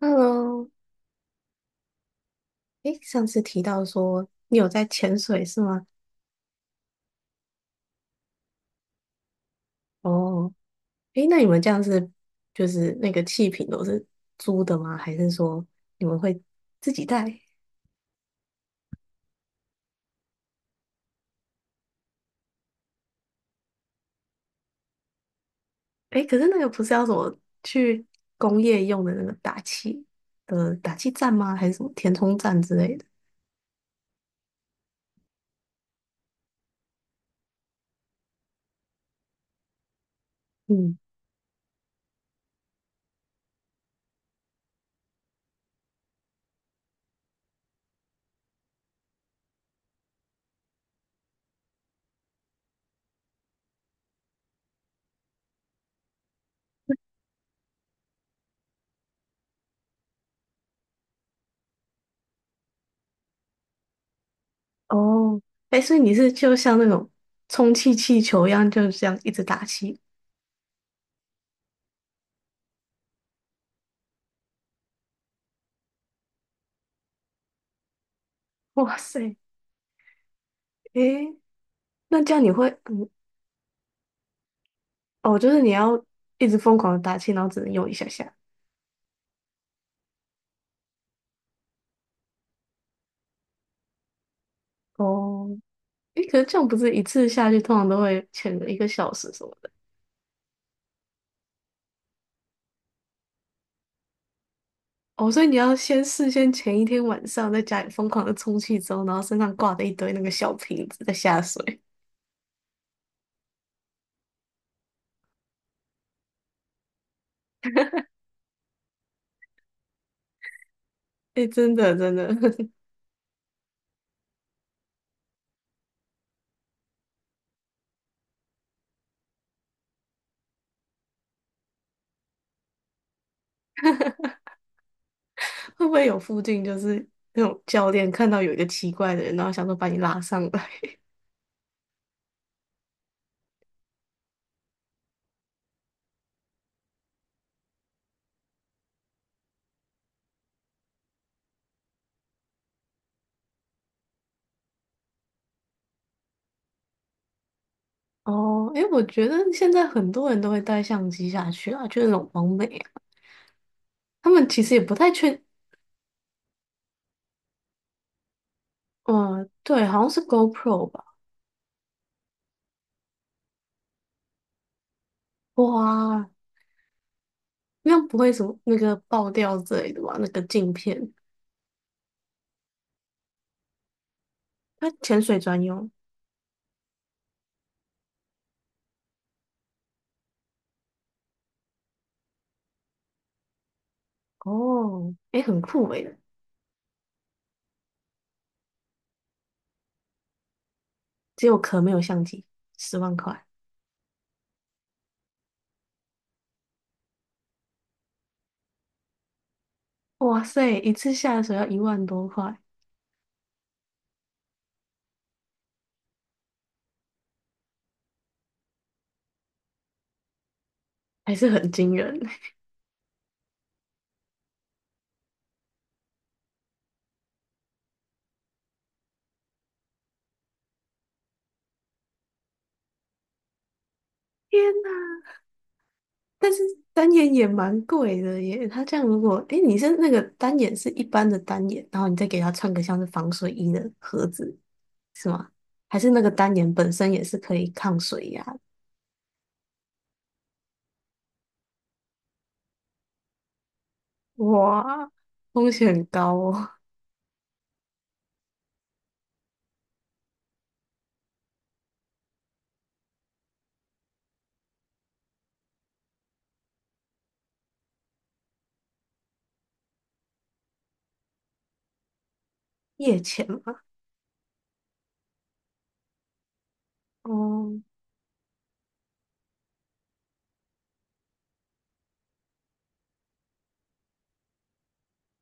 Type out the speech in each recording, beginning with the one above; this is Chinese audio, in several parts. Hello，诶，上次提到说你有在潜水是吗？哦，诶，那你们这样是就是那个气瓶都是租的吗？还是说你们会自己带？诶，可是那个不是要什么去工业用的那个打气的打气站吗？还是什么填充站之类的？嗯，哦，诶，所以你是就像那种充气气球一样，就这样一直打气？哇塞，诶，那这样你会哦，就是你要一直疯狂的打气，然后只能用一下下。哦，诶，可是这样不是一次下去通常都会潜个一个小时什么的哦，所以你要先事先前一天晚上在家里疯狂的充气之后，然后身上挂着一堆那个小瓶子在下水。诶，真的真的，会不会有附近就是那种教练看到有一个奇怪的人，然后想说把你拉上来？哦，诶，我觉得现在很多人都会带相机下去啊，就是那种网美啊，他们其实也不太确，嗯、对，好像是 GoPro 吧。哇，那不会什么那个爆掉之类的吧？那个镜片，它潜水专用哦，诶，很酷诶，只有壳没有相机，10万块，哇塞，一次下水要1万多块，还是很惊人。天呐，但是单眼也蛮贵的耶，它这样如果，诶，你是那个单眼是一般的单眼，然后你再给它穿个像是防水衣的盒子，是吗？还是那个单眼本身也是可以抗水压的？哇，风险很高哦。夜潜嘛，哦，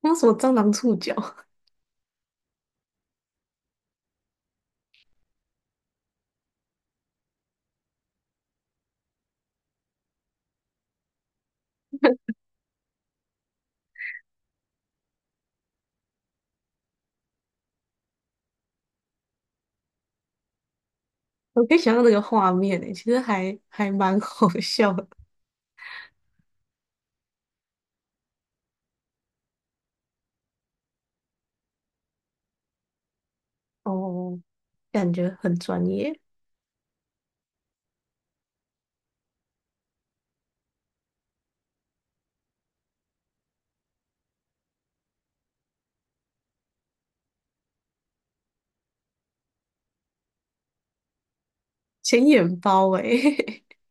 那什么蟑螂触角，我可以想象那个画面诶，其实还蛮好笑的哦，感觉很专业，显眼包诶。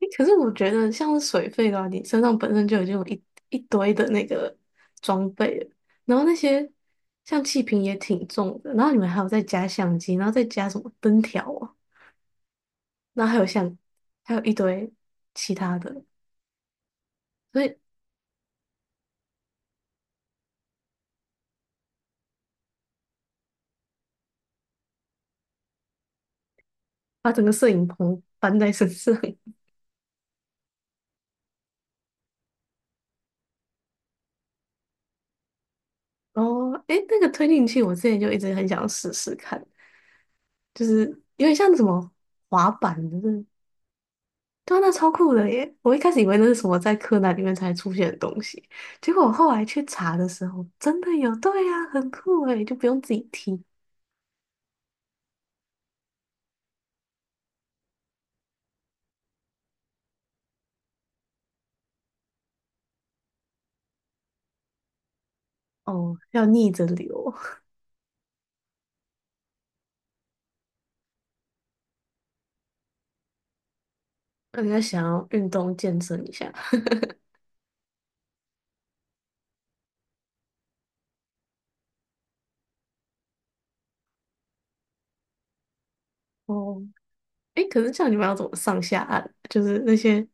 欸可是我觉得像是水费的话，你身上本身就已经有一堆的那个装备了，然后那些像气瓶也挺重的，然后你们还有再加相机，然后再加什么灯条啊，然后还有像还有一堆其他的，所以把整个摄影棚搬在身上，哦，诶，那个推进器我之前就一直很想试试看，就是有点像什么滑板的，就是对啊，那超酷的耶！我一开始以为那是什么在柯南里面才出现的东西，结果我后来去查的时候，真的有，对呀、很酷诶，就不用自己踢哦，要逆着流。人家想要运动健身一下 哦，诶，可是像你们要怎么上下岸？就是那些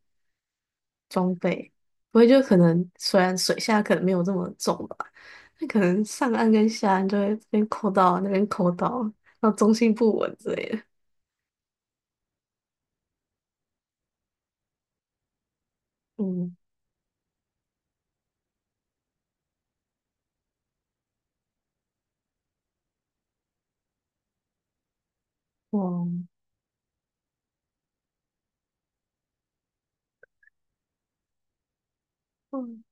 装备，不会就可能虽然水下可能没有这么重吧，那可能上岸跟下岸就会这边扣到那边扣到，然后中心不稳之类的。嗯，哇，嗯，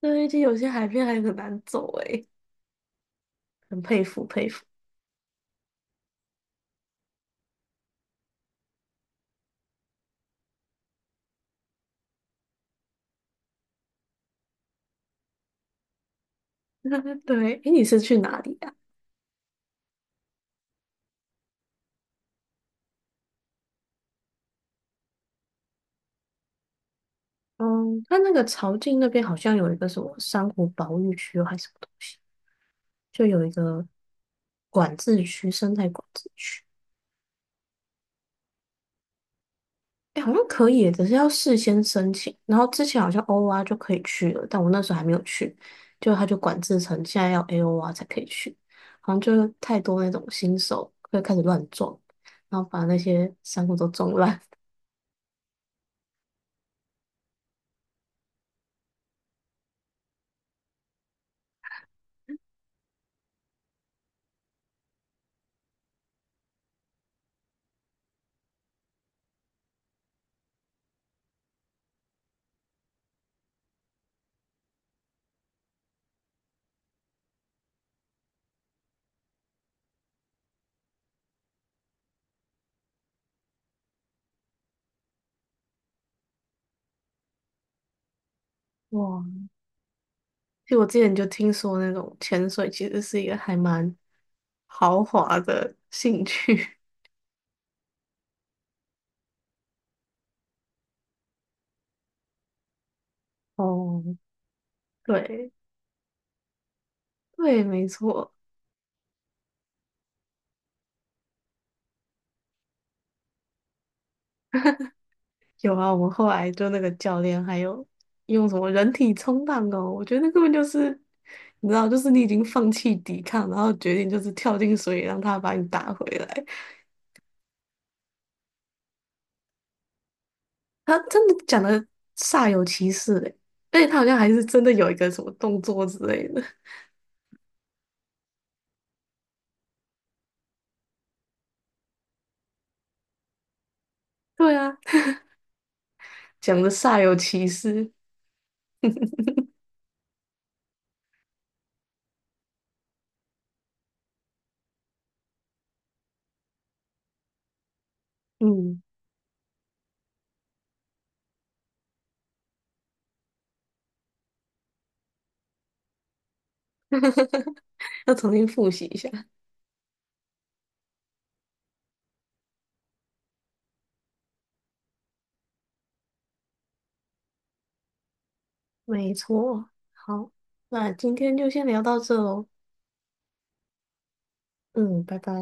对，就有些海边还很难走诶，很佩服佩服。对，诶，你是去哪里啊？嗯，它那个潮境那边好像有一个什么珊瑚保育区还是什么东西，就有一个管制区，生态管制区。哎，好像可以耶只是要事先申请。然后之前好像 OR 就可以去了，但我那时候还没有去，就他就管制成现在要 AOR 才可以去，好像就是太多那种新手会开始乱撞，然后把那些珊瑚都撞烂。哇，就我之前就听说那种潜水其实是一个还蛮豪华的兴趣。哦，对对，没错。有啊，我们后来就那个教练还有用什么人体冲浪哦，我觉得那根本就是，你知道，就是你已经放弃抵抗，然后决定就是跳进水里让他把你打回来。他真的讲的煞有其事嘞，而且他好像还是真的有一个什么动作之类的。对啊，讲的煞有其事，嗯，要重新复习一下。没错，好，那今天就先聊到这喽，嗯，拜拜。